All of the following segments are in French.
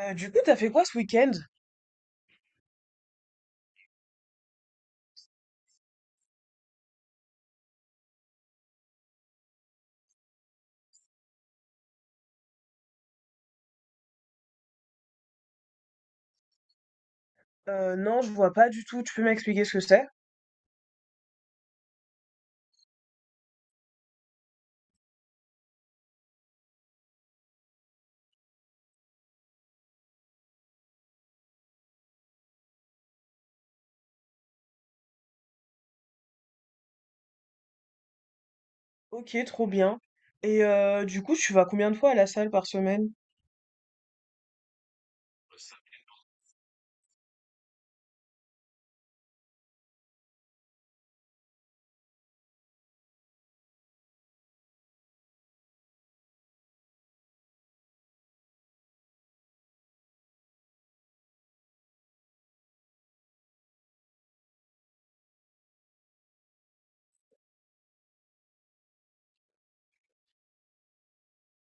Du coup, t'as fait quoi ce week-end? Non, je vois pas du tout. Tu peux m'expliquer ce que c'est? Ok, trop bien. Et du coup, tu vas combien de fois à la salle par semaine?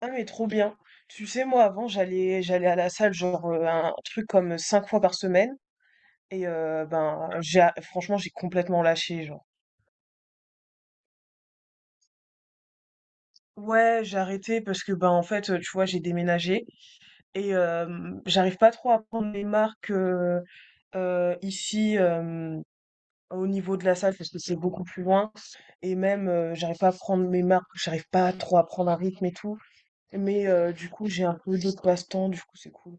Ah mais trop bien. Tu sais, moi avant, j'allais à la salle genre un truc comme 5 fois par semaine. Et ben, j'ai franchement, j'ai complètement lâché. Genre. Ouais, j'ai arrêté parce que, ben en fait, tu vois, j'ai déménagé et j'arrive pas trop à prendre les marques, ici, au niveau de la salle parce que c'est beaucoup plus loin et même, j'arrive pas à prendre mes marques, j'arrive pas trop à prendre un rythme et tout. Mais du coup, j'ai un peu d'autres passe-temps, du coup, c'est cool.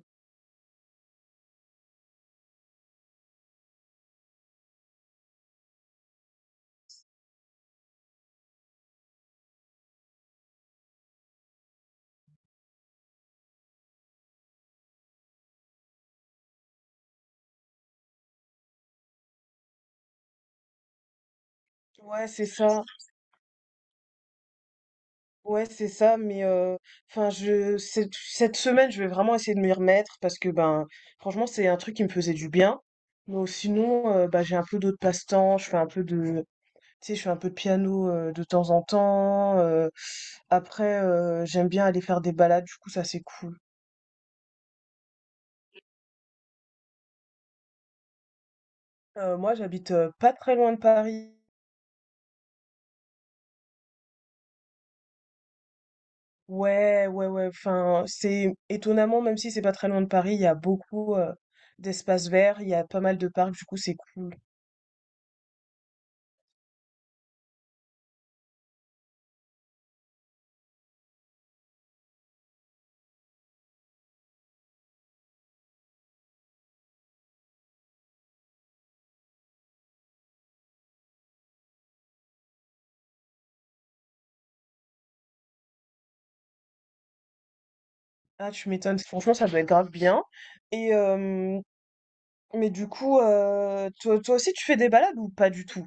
Ouais, c'est ça. Ouais, c'est ça, mais enfin, je cette semaine, je vais vraiment essayer de m'y remettre parce que ben, franchement, c'est un truc qui me faisait du bien. Mais sinon, bah, j'ai un peu d'autres passe-temps. Je fais un peu tu sais, je fais un peu de piano de temps en temps. Après, j'aime bien aller faire des balades. Du coup, ça c'est cool. Moi, j'habite pas très loin de Paris. Ouais, ouais, ouais. Enfin, c'est étonnamment, même si c'est pas très loin de Paris, il y a beaucoup d'espaces verts, il y a pas mal de parcs, du coup, c'est cool. Ah, tu m'étonnes. Franchement, ça doit être grave bien. Et mais du coup, toi aussi, tu fais des balades ou pas du tout?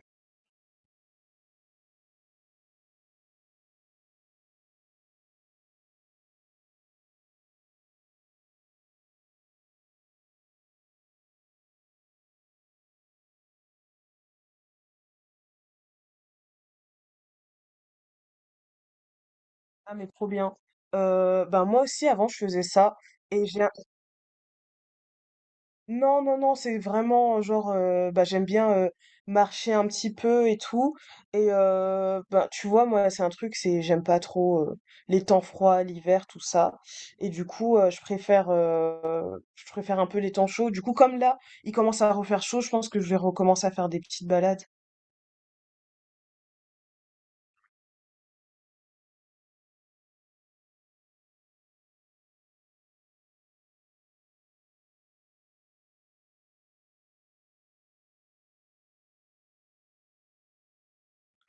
Ah, mais trop bien. Ben moi aussi, avant, je faisais ça. Et j'ai Non, non, non, c'est vraiment, genre, bah, j'aime bien, marcher un petit peu et tout et ben, tu vois, moi, c'est un truc, c'est j'aime pas trop, les temps froids, l'hiver, tout ça et du coup, je préfère un peu les temps chauds. Du coup, comme là, il commence à refaire chaud, je pense que je vais recommencer à faire des petites balades.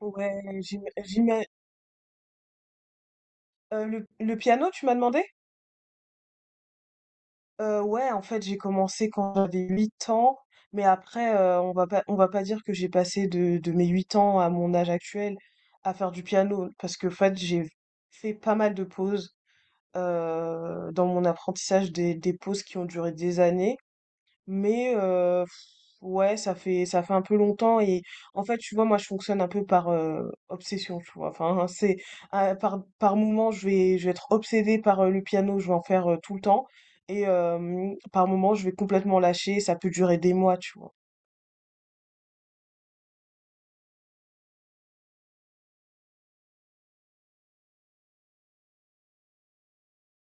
Ouais, j'im j'ima Le piano, tu m'as demandé? Ouais, en fait, j'ai commencé quand j'avais 8 ans, mais après, on va pas dire que j'ai passé de mes 8 ans à mon âge actuel à faire du piano, parce que en fait, j'ai fait pas mal de pauses, dans mon apprentissage, des pauses qui ont duré des années. Mais ouais, ça fait un peu longtemps et en fait, tu vois, moi je fonctionne un peu par obsession, tu vois. Enfin, c'est par moment, je vais être obsédée par le piano, je vais en faire tout le temps et par moment, je vais complètement lâcher, ça peut durer des mois, tu vois.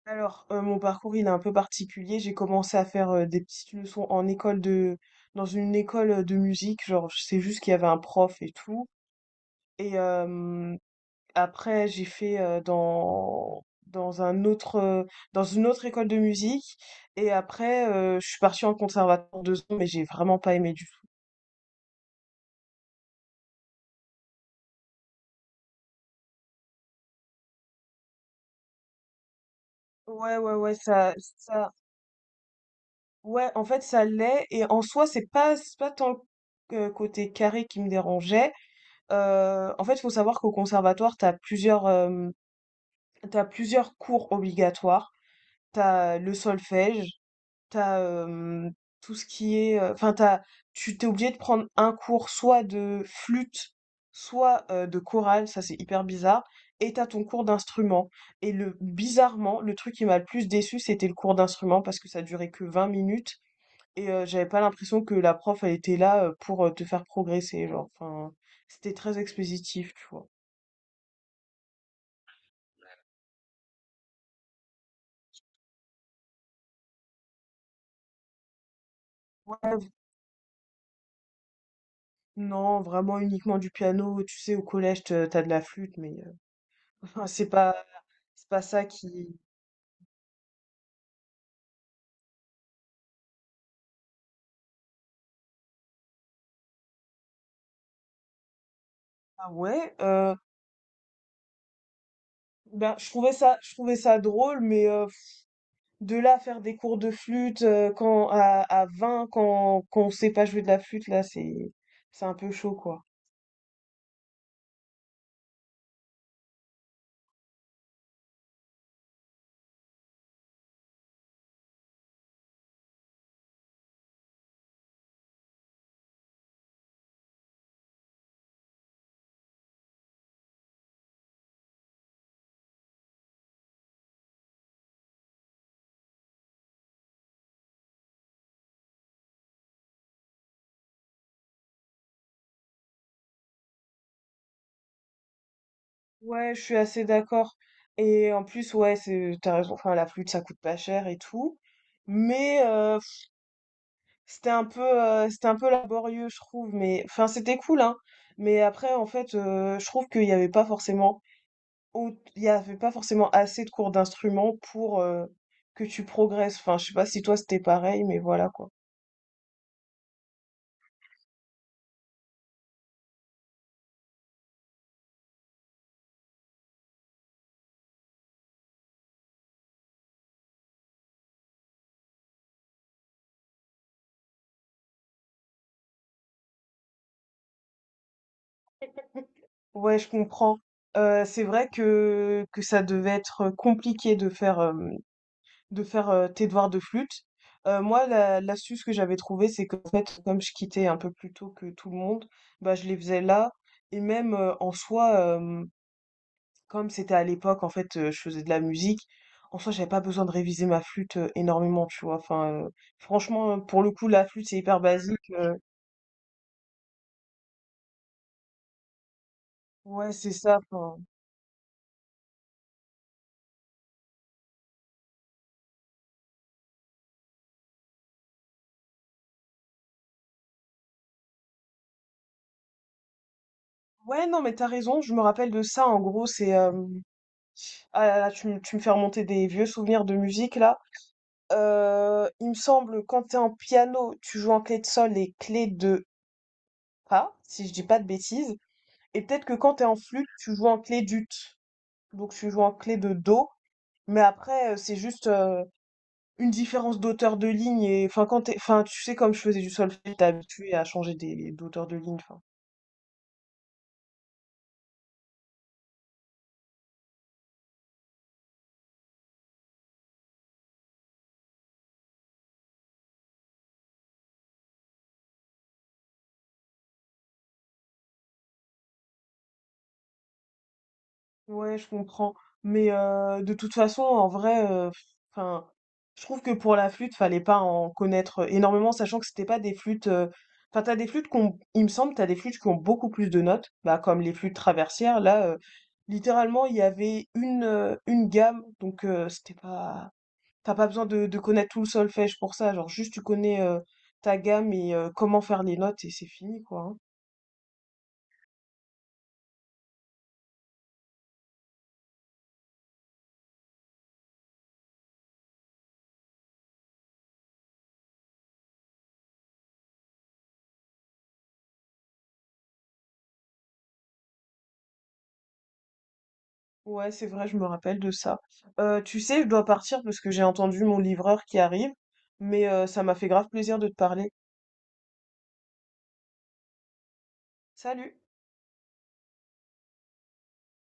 Alors, mon parcours, il est un peu particulier. J'ai commencé à faire des petites leçons en école de dans une école de musique, genre je sais juste qu'il y avait un prof et tout et après, j'ai fait dans un autre dans une autre école de musique et après je suis partie en conservatoire 2 ans mais j'ai vraiment pas aimé du tout. Ouais ouais ouais ça ouais en fait ça l'est et en soi c'est pas tant que côté carré qui me dérangeait. En fait, il faut savoir qu'au conservatoire t'as plusieurs cours obligatoires. T'as le solfège t'as as, tout ce qui est, enfin t'as tu t'es obligé de prendre un cours soit de flûte, soit, de chorale, ça c'est hyper bizarre et t'as ton cours d'instrument et le bizarrement, le truc qui m'a le plus déçu c'était le cours d'instrument parce que ça durait que 20 minutes et j'avais pas l'impression que la prof, elle était là, pour, te faire progresser, genre, enfin, c'était très expositif, tu vois? Ouais, v Non, vraiment uniquement du piano, tu sais, au collège, te tu de la flûte mais enfin, c'est pas ça qui... Ah ouais, je trouvais ça drôle, mais de là à faire des cours de flûte à 20 quand on sait pas jouer de la flûte là, c'est un peu chaud quoi. Ouais, je suis assez d'accord. Et en plus ouais, c'est t'as raison, enfin la flûte ça coûte pas cher et tout, mais c'était un peu laborieux je trouve, mais enfin c'était cool hein. Mais après en fait je trouve qu'il n'y avait pas forcément Ou il y avait pas forcément assez de cours d'instruments pour que tu progresses. Enfin, je sais pas si toi c'était pareil, mais voilà quoi. Ouais, je comprends. C'est vrai que ça devait être compliqué de faire, tes devoirs de flûte. Moi, l'astuce que j'avais trouvée, c'est qu'en fait, comme je quittais un peu plus tôt que tout le monde, bah, je les faisais là. Et même en soi, comme c'était à l'époque, en fait, je faisais de la musique, en soi, j'avais pas besoin de réviser ma flûte, énormément, tu vois? Enfin, franchement, pour le coup, la flûte, c'est hyper basique, ouais, c'est ça, enfin ouais, non, mais t'as raison, je me rappelle de ça, en gros, c'est, hem ah là là, tu me fais remonter des vieux souvenirs de musique, là. Il me semble, quand t'es en piano, tu joues en clé de sol et clé de fa, si je dis pas de bêtises et peut-être que quand t'es en flûte, tu joues en clé d'ut, donc tu joues en clé de do, mais après, c'est juste, une différence d'auteur de ligne et enfin enfin tu sais comme je faisais du solfège t'es habitué à changer des d'auteur de ligne enfin... Ouais, je comprends. Mais de toute façon, en vrai, enfin, je trouve que pour la flûte, fallait pas en connaître énormément, sachant que c'était pas des flûtes. Enfin, t'as des flûtes qu'on, il me semble, t'as des flûtes qui ont beaucoup plus de notes, bah comme les flûtes traversières. Là, littéralement, il y avait une gamme, donc c'était pas. T'as pas besoin de connaître tout le solfège pour ça. Genre, juste tu connais ta gamme et comment faire les notes et c'est fini, quoi. Hein. Ouais, c'est vrai, je me rappelle de ça. Tu sais, je dois partir parce que j'ai entendu mon livreur qui arrive, mais ça m'a fait grave plaisir de te parler. Salut!